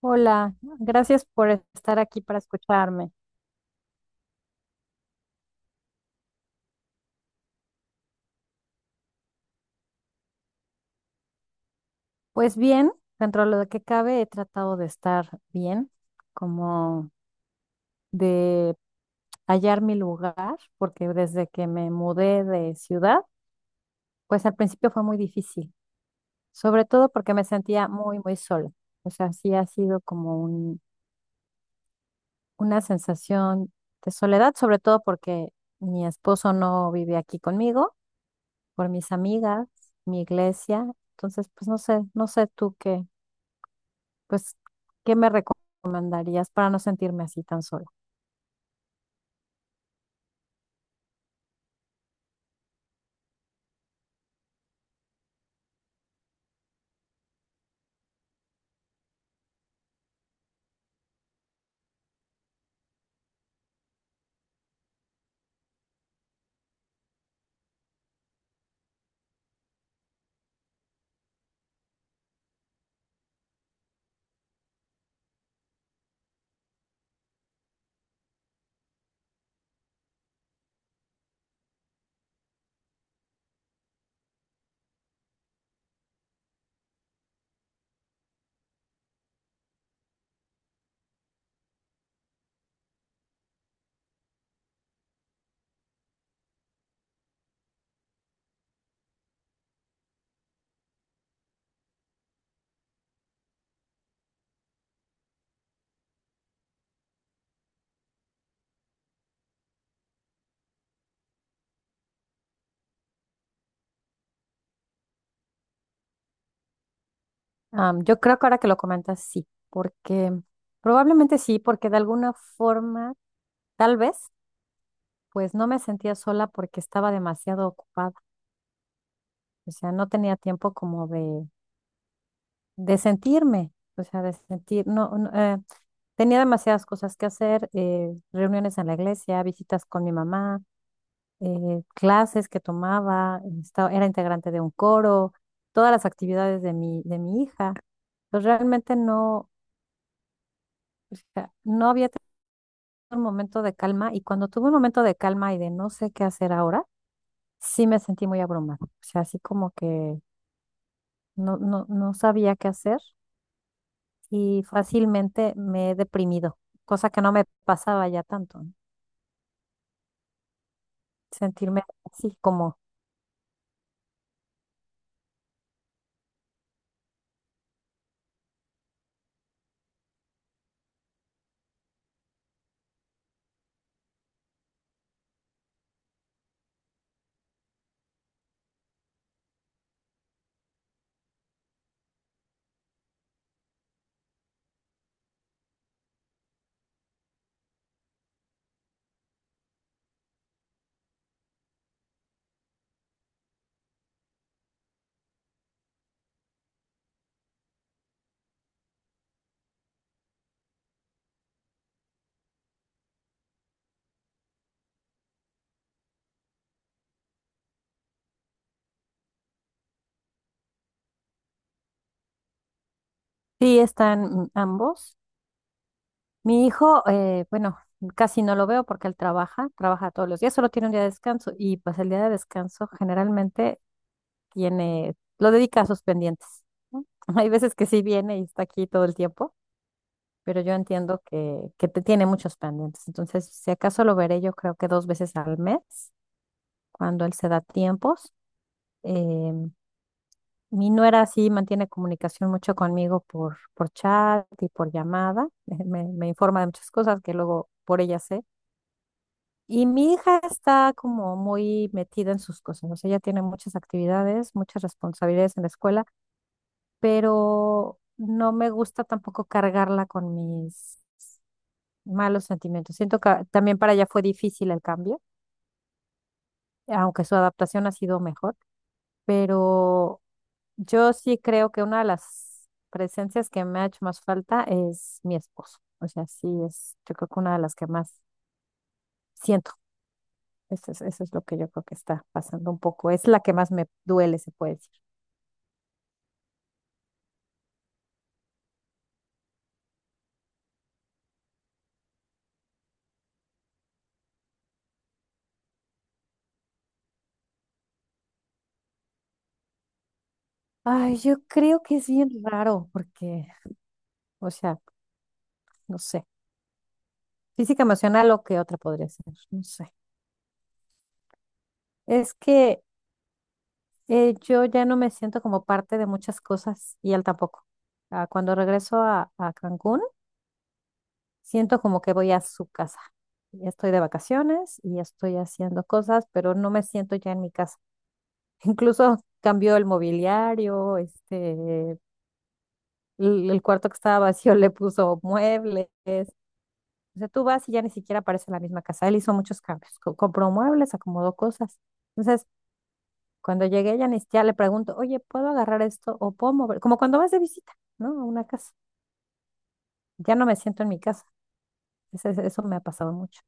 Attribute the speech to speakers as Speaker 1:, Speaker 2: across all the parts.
Speaker 1: Hola, gracias por estar aquí para escucharme. Pues bien, dentro de lo que cabe, he tratado de estar bien, como de hallar mi lugar, porque desde que me mudé de ciudad, pues al principio fue muy difícil, sobre todo porque me sentía muy, muy sola. O sea, sí ha sido como una sensación de soledad, sobre todo porque mi esposo no vive aquí conmigo, por mis amigas, mi iglesia. Entonces, pues no sé tú qué. Pues, ¿qué me recomendarías para no sentirme así tan sola? Yo creo que ahora que lo comentas, sí, porque probablemente sí, porque de alguna forma, tal vez, pues no me sentía sola porque estaba demasiado ocupada, o sea, no tenía tiempo como de sentirme, o sea, de sentir, no, no, tenía demasiadas cosas que hacer, reuniones en la iglesia, visitas con mi mamá, clases que tomaba, era integrante de un coro, todas las actividades de mi hija. Pues realmente no, o sea, no había tenido un momento de calma y cuando tuve un momento de calma y de no sé qué hacer ahora, sí me sentí muy abrumada. O sea, así como que no, no, no sabía qué hacer y fácilmente me he deprimido, cosa que no me pasaba ya tanto. ¿No? Sentirme así como, sí están ambos. Mi hijo, bueno, casi no lo veo porque él trabaja todos los días, solo tiene un día de descanso y pues el día de descanso generalmente tiene, lo dedica a sus pendientes, ¿no? Hay veces que sí viene y está aquí todo el tiempo, pero yo entiendo que te tiene muchos pendientes. Entonces, si acaso lo veré, yo creo que dos veces al mes, cuando él se da tiempos. Eh, Mi nuera sí mantiene comunicación mucho conmigo por chat y por llamada. Me informa de muchas cosas que luego por ella sé. Y mi hija está como muy metida en sus cosas, o sea, ella tiene muchas actividades, muchas responsabilidades en la escuela, pero no me gusta tampoco cargarla con mis malos sentimientos. Siento que también para ella fue difícil el cambio, aunque su adaptación ha sido mejor, pero yo sí creo que una de las presencias que me ha hecho más falta es mi esposo. O sea, sí es, yo creo que una de las que más siento. Eso es lo que yo creo que está pasando un poco. Es la que más me duele, se puede decir. Ay, yo creo que es bien raro porque, o sea, no sé, física emocional o qué otra podría ser, no sé. Es que yo ya no me siento como parte de muchas cosas y él tampoco. Ah, cuando regreso a Cancún, siento como que voy a su casa. Ya estoy de vacaciones y estoy haciendo cosas, pero no me siento ya en mi casa. Incluso cambió el mobiliario, este, el cuarto que estaba vacío le puso muebles. O sea, tú vas y ya ni siquiera parece la misma casa. Él hizo muchos cambios, compró muebles, acomodó cosas. Entonces, cuando llegué ya ni siquiera le pregunto, oye, ¿puedo agarrar esto o puedo mover? Como cuando vas de visita, ¿no? A una casa. Ya no me siento en mi casa. Eso, me ha pasado mucho.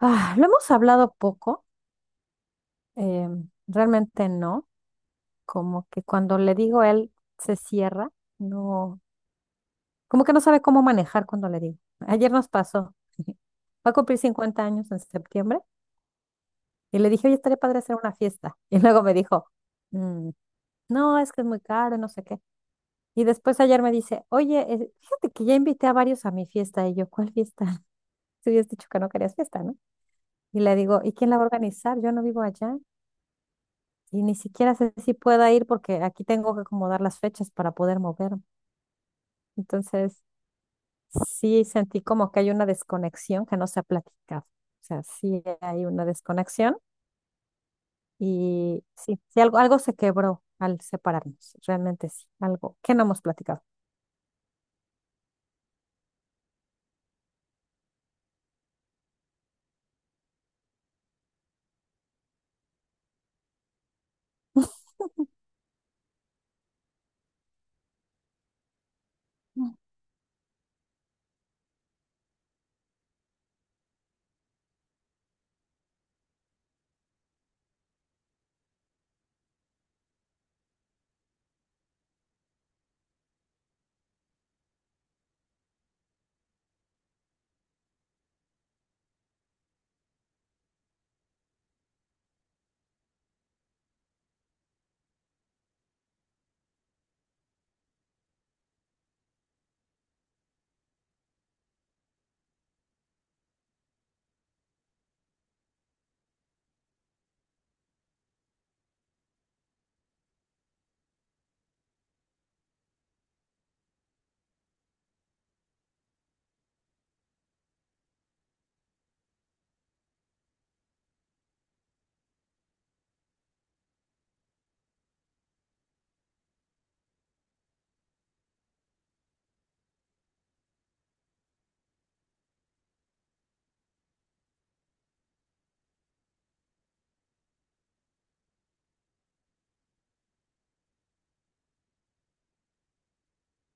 Speaker 1: Ah, lo hemos hablado poco, eh, realmente no. Como que cuando le digo a él, se cierra. No, como que no sabe cómo manejar cuando le digo. Ayer nos pasó. Va a cumplir 50 años en septiembre y le dije, oye, estaría padre hacer una fiesta. Y luego me dijo, "Mm, no, es que es muy caro, no sé qué." Y después ayer me dice, oye, fíjate que ya invité a varios a mi fiesta. Y yo, ¿cuál fiesta? Tú habías dicho que no querías fiesta, ¿no? Y le digo, ¿y quién la va a organizar? Yo no vivo allá y ni siquiera sé si pueda ir porque aquí tengo que acomodar las fechas para poder moverme. Entonces, sí sentí como que hay una desconexión que no se ha platicado. O sea, sí hay una desconexión y sí, sí algo, algo se quebró al separarnos, realmente sí, algo que no hemos platicado. Mm.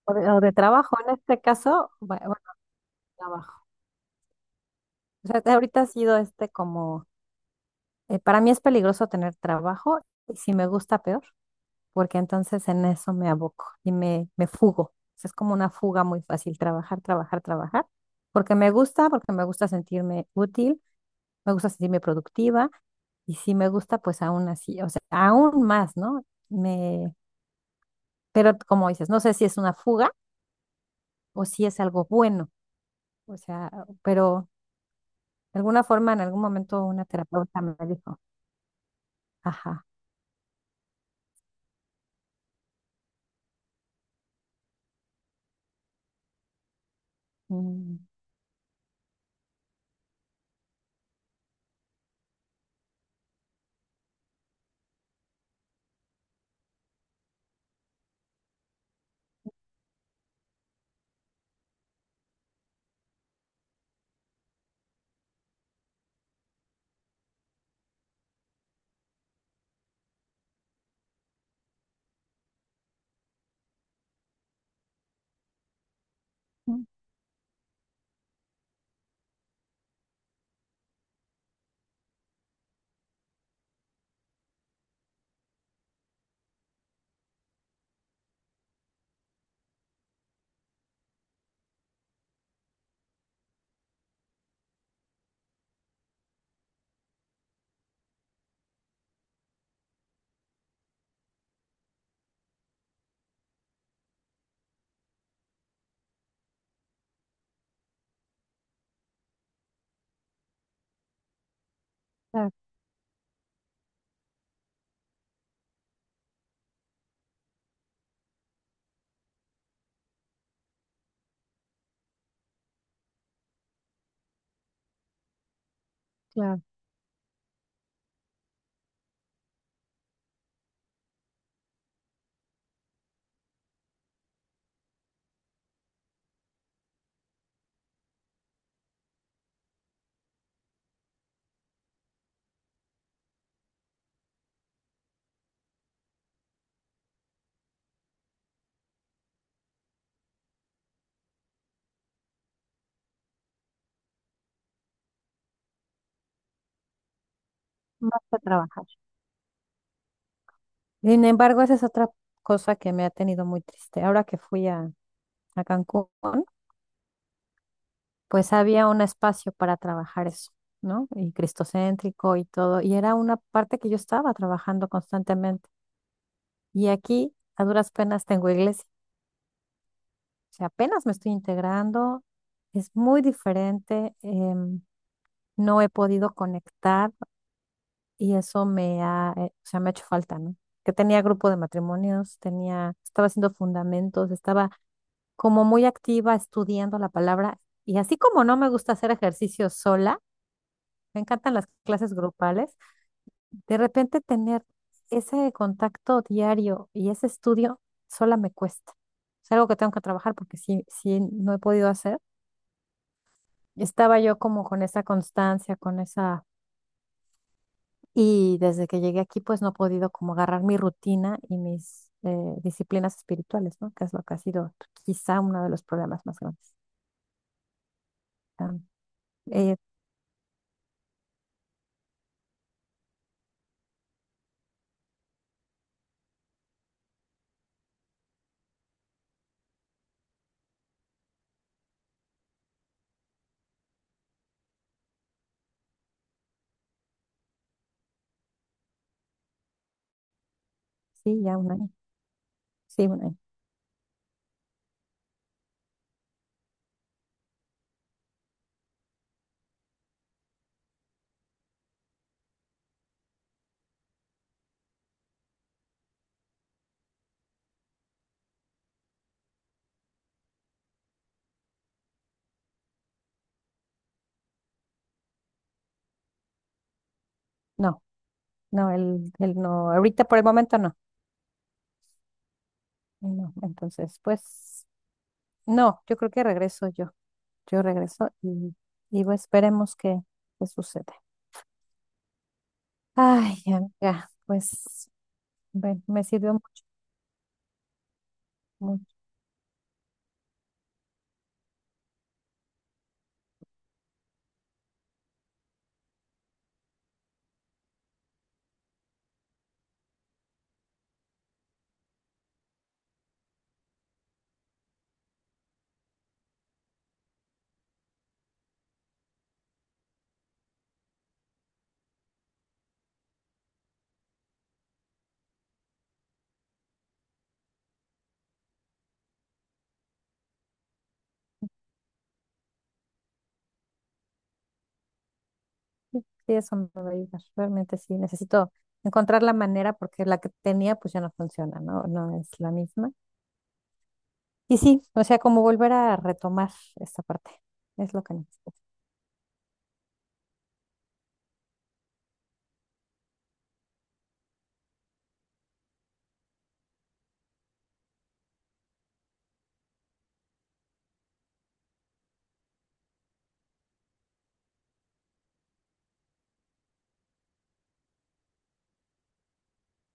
Speaker 1: O de trabajo, en este caso, bueno, trabajo. O sea, ahorita ha sido este como, para mí es peligroso tener trabajo y si me gusta peor, porque entonces en eso me aboco y me fugo. O sea, es como una fuga muy fácil, trabajar, trabajar, trabajar, porque me gusta sentirme útil, me gusta sentirme productiva y si me gusta, pues aún así, o sea, aún más, ¿no? Me, pero como dices, no sé si es una fuga o si es algo bueno, o sea, pero de alguna forma, en algún momento una terapeuta me dijo, ajá, mm, mm, claro, claro, más para trabajar. Sin embargo, esa es otra cosa que me ha tenido muy triste. Ahora que fui a Cancún, pues había un espacio para trabajar eso, ¿no? Y cristocéntrico y todo. Y era una parte que yo estaba trabajando constantemente. Y aquí, a duras penas, tengo iglesia. O sea, apenas me estoy integrando. Es muy diferente. No he podido conectar y eso me ha, o sea, me ha hecho falta, ¿no? Que tenía grupo de matrimonios, tenía, estaba haciendo fundamentos, estaba como muy activa estudiando la palabra. Y así como no me gusta hacer ejercicio sola, me encantan las clases grupales. De repente tener ese contacto diario y ese estudio sola me cuesta. Es algo que tengo que trabajar porque sí, sí no he podido hacer. Estaba yo como con esa constancia, con esa... Y desde que llegué aquí, pues no he podido como agarrar mi rutina y mis disciplinas espirituales, ¿no? Que es lo que ha sido quizá uno de los problemas más grandes. Am, eh, sí, ya 1 año. Sí, 1 año. No, no, el no. Ahorita por el momento no. No, entonces, pues, no, yo creo que regreso yo. Yo regreso y bueno esperemos que suceda. Ay, amiga, pues, bueno, me sirvió mucho. Sí, sí, eso me va a ayudar. Realmente sí, necesito encontrar la manera porque la que tenía, pues ya no funciona, ¿no? No es la misma. Y sí, o sea, como volver a retomar esta parte. Es lo que necesito.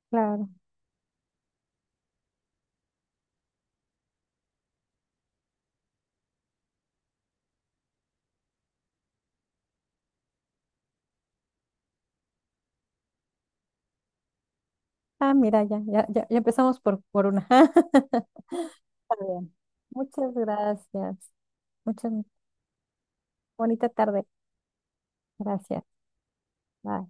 Speaker 1: Claro. Ah, mira, ya empezamos por una. Está bien. Muchas gracias. Muchas bonita tarde. Gracias. Bye.